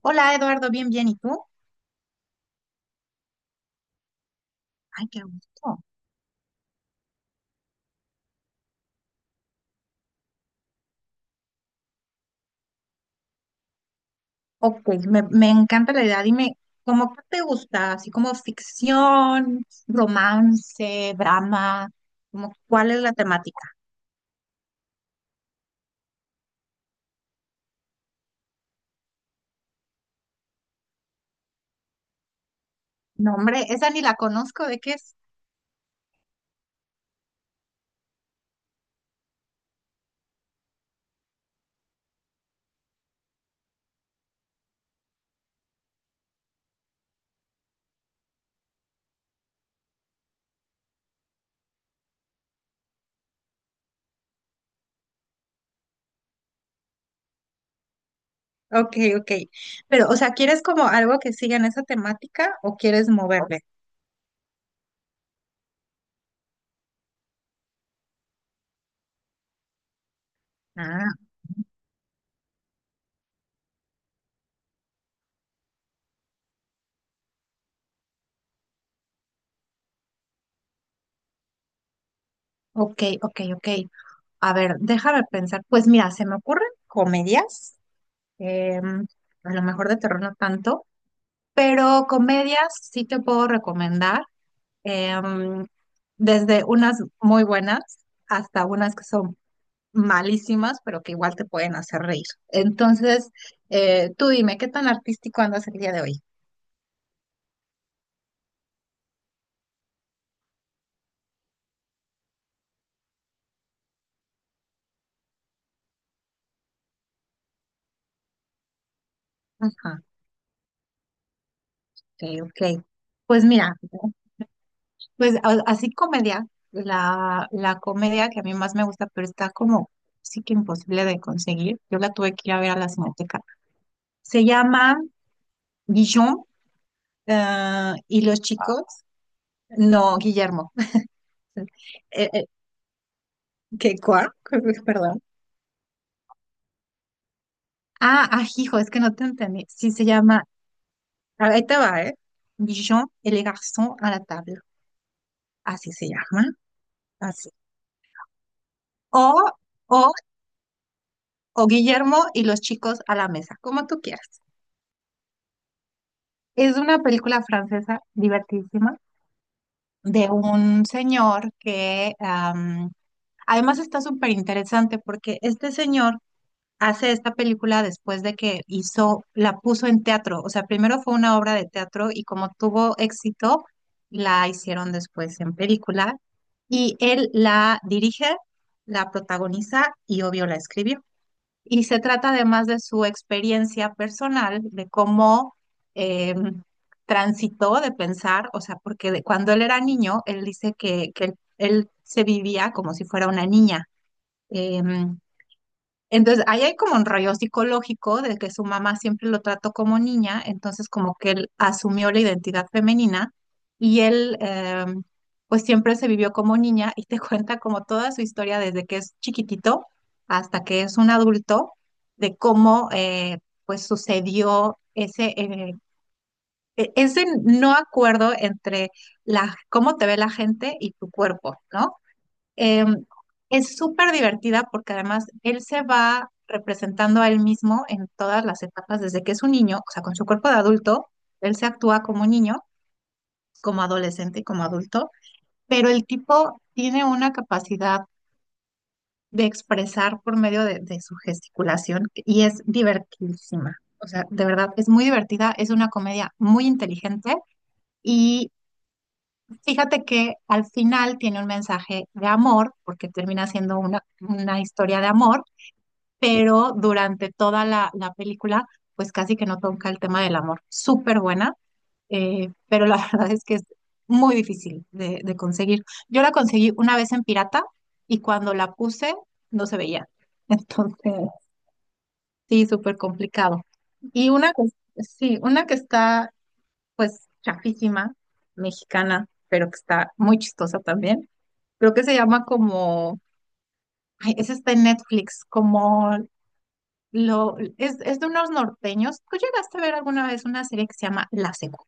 Hola Eduardo, bien, bien. ¿Y tú? Ay, qué gusto. Ok, me encanta la idea. Dime, ¿cómo qué te gusta? Así como ficción, romance, drama, como, ¿cuál es la temática? No, hombre, esa ni la conozco, ¿de qué es? Ok, ok. Pero, o sea, ¿quieres como algo que siga en esa temática o quieres moverle? Ah, ok, ok, ok. A ver, déjame pensar. Pues mira, se me ocurren comedias, em, a lo mejor de terror no tanto. Pero comedias sí te puedo recomendar, em, desde unas muy buenas hasta unas que son malísimas, pero que igual te pueden hacer reír. Entonces, tú dime, ¿qué tan artístico andas el día de hoy? Ajá, ok, ok. Pues mira, pues así comedia, la comedia que a mí más me gusta, pero está como sí que imposible de conseguir. Yo la tuve que ir a ver a la Cineteca. Se llama Guillón y los chicos. No, Guillermo. Eh, eh, ¿Qué cuá? Perdón. Ah, ah, hijo, es que no te entendí. Sí, se llama. Ahí te va, ¿eh? Jean et les garçons à la table. Así se llama. Así. O, o, o Guillermo y los chicos a la mesa, como tú quieras. Es una película francesa divertidísima de un señor que además está súper interesante porque este señor hace esta película después de que hizo, la puso en teatro. O sea, primero fue una obra de teatro y como tuvo éxito, la hicieron después en película. Y él la dirige, la protagoniza y obvio la escribió. Y se trata además de su experiencia personal, de cómo em, transitó de pensar, o sea, porque cuando él era niño, él dice que él se vivía como si fuera una niña. Em, entonces, ahí hay como un rollo psicológico de que su mamá siempre lo trató como niña, entonces como que él asumió la identidad femenina y él pues siempre se vivió como niña y te cuenta como toda su historia desde que es chiquitito hasta que es un adulto, de cómo pues sucedió ese, ese no acuerdo entre la, cómo te ve la gente y tu cuerpo, ¿no? Eh, es súper divertida porque además él se va representando a él mismo en todas las etapas, desde que es un niño, o sea, con su cuerpo de adulto, él se actúa como niño, como adolescente y como adulto, pero el tipo tiene una capacidad de expresar por medio de su gesticulación y es divertidísima. O sea, de verdad, es muy divertida, es una comedia muy inteligente y fíjate que al final tiene un mensaje de amor, porque termina siendo una historia de amor pero durante toda la, la película, pues casi que no toca el tema del amor. Súper buena, pero la verdad es que es muy difícil de conseguir. Yo la conseguí una vez en pirata y cuando la puse no se veía. Entonces, sí, súper complicado. Y una que, sí, una que está pues chafísima, mexicana, pero que está muy chistosa también. Creo que se llama como, ay, esa está en Netflix, como Lo, es de unos norteños. ¿Tú llegaste a ver alguna vez una serie que se llama La Secu?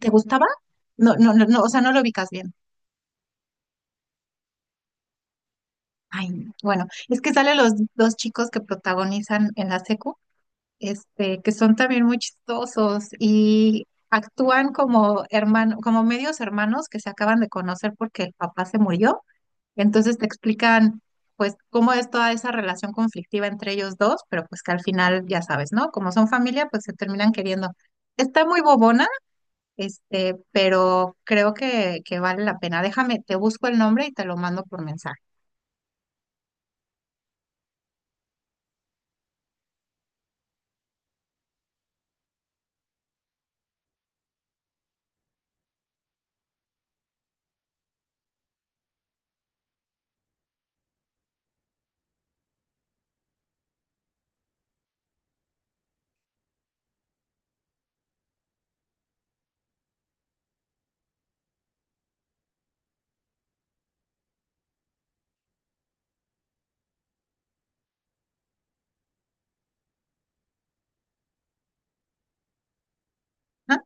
¿Te gustaba? No, no, no, no, o sea, no lo ubicas bien. Ay, no. Bueno, es que salen los dos chicos que protagonizan en La Secu, este, que son también muy chistosos y actúan como hermano, como medios hermanos que se acaban de conocer porque el papá se murió. Entonces te explican pues cómo es toda esa relación conflictiva entre ellos dos, pero pues que al final ya sabes, ¿no? Como son familia, pues se terminan queriendo. Está muy bobona, este, pero creo que vale la pena. Déjame, te busco el nombre y te lo mando por mensaje. Ah,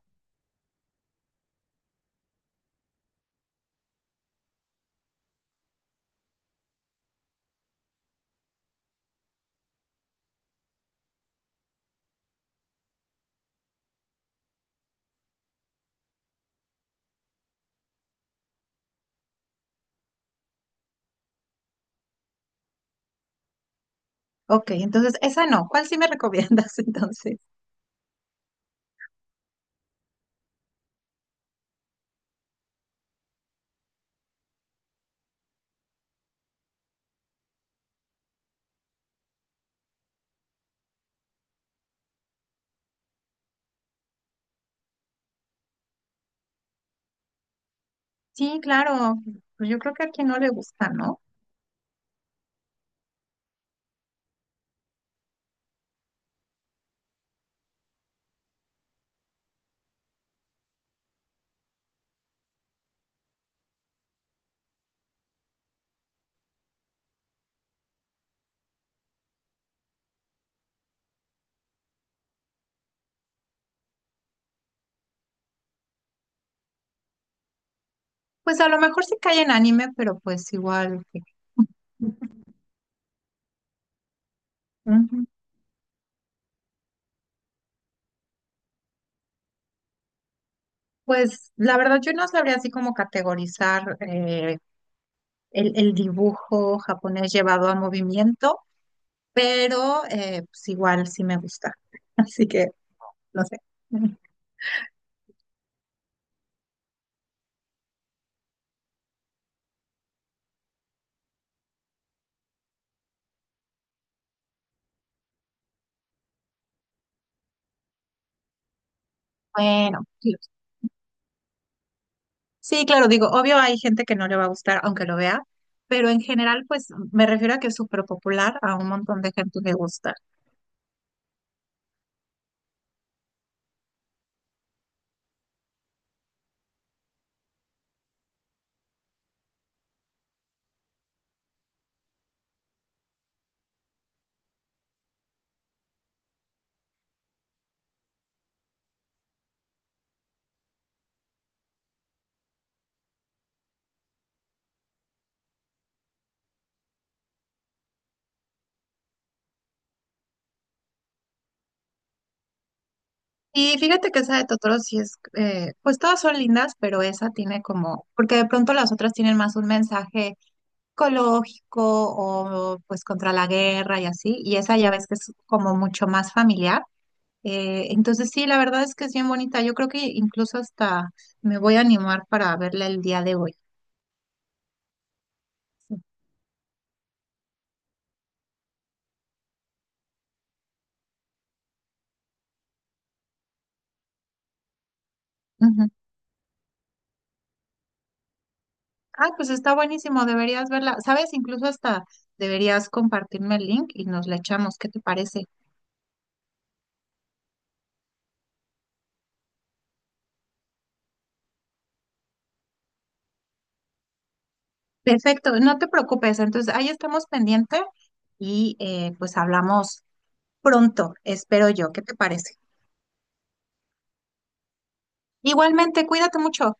ok, entonces esa no. ¿Cuál sí me recomiendas entonces? Sí, claro. Pues yo creo que a quien no le gusta, ¿no? Pues a lo mejor sí cae en anime, pero pues igual. Ujú. Pues la verdad yo no sabría así como categorizar el dibujo japonés llevado al movimiento, pero pues igual sí me gusta. Así que, no sé. Bueno, sí, sí, claro, digo, obvio hay gente que no le va a gustar aunque lo vea, pero en general, pues me refiero a que es súper popular, a un montón de gente le gusta. Y fíjate que esa de Totoro sí es, pues todas son lindas, pero esa tiene como, porque de pronto las otras tienen más un mensaje ecológico o pues contra la guerra y así, y esa ya ves que es como mucho más familiar. Entonces sí, la verdad es que es bien bonita. Yo creo que incluso hasta me voy a animar para verla el día de hoy. Sí. Ujú. Ah, pues está buenísimo, deberías verla. ¿Sabes? Incluso hasta deberías compartirme el link y nos la echamos. ¿Qué te parece? Perfecto, no te preocupes. Entonces ahí estamos pendiente y pues hablamos pronto, espero yo. ¿Qué te parece? Igualmente, cuídate mucho.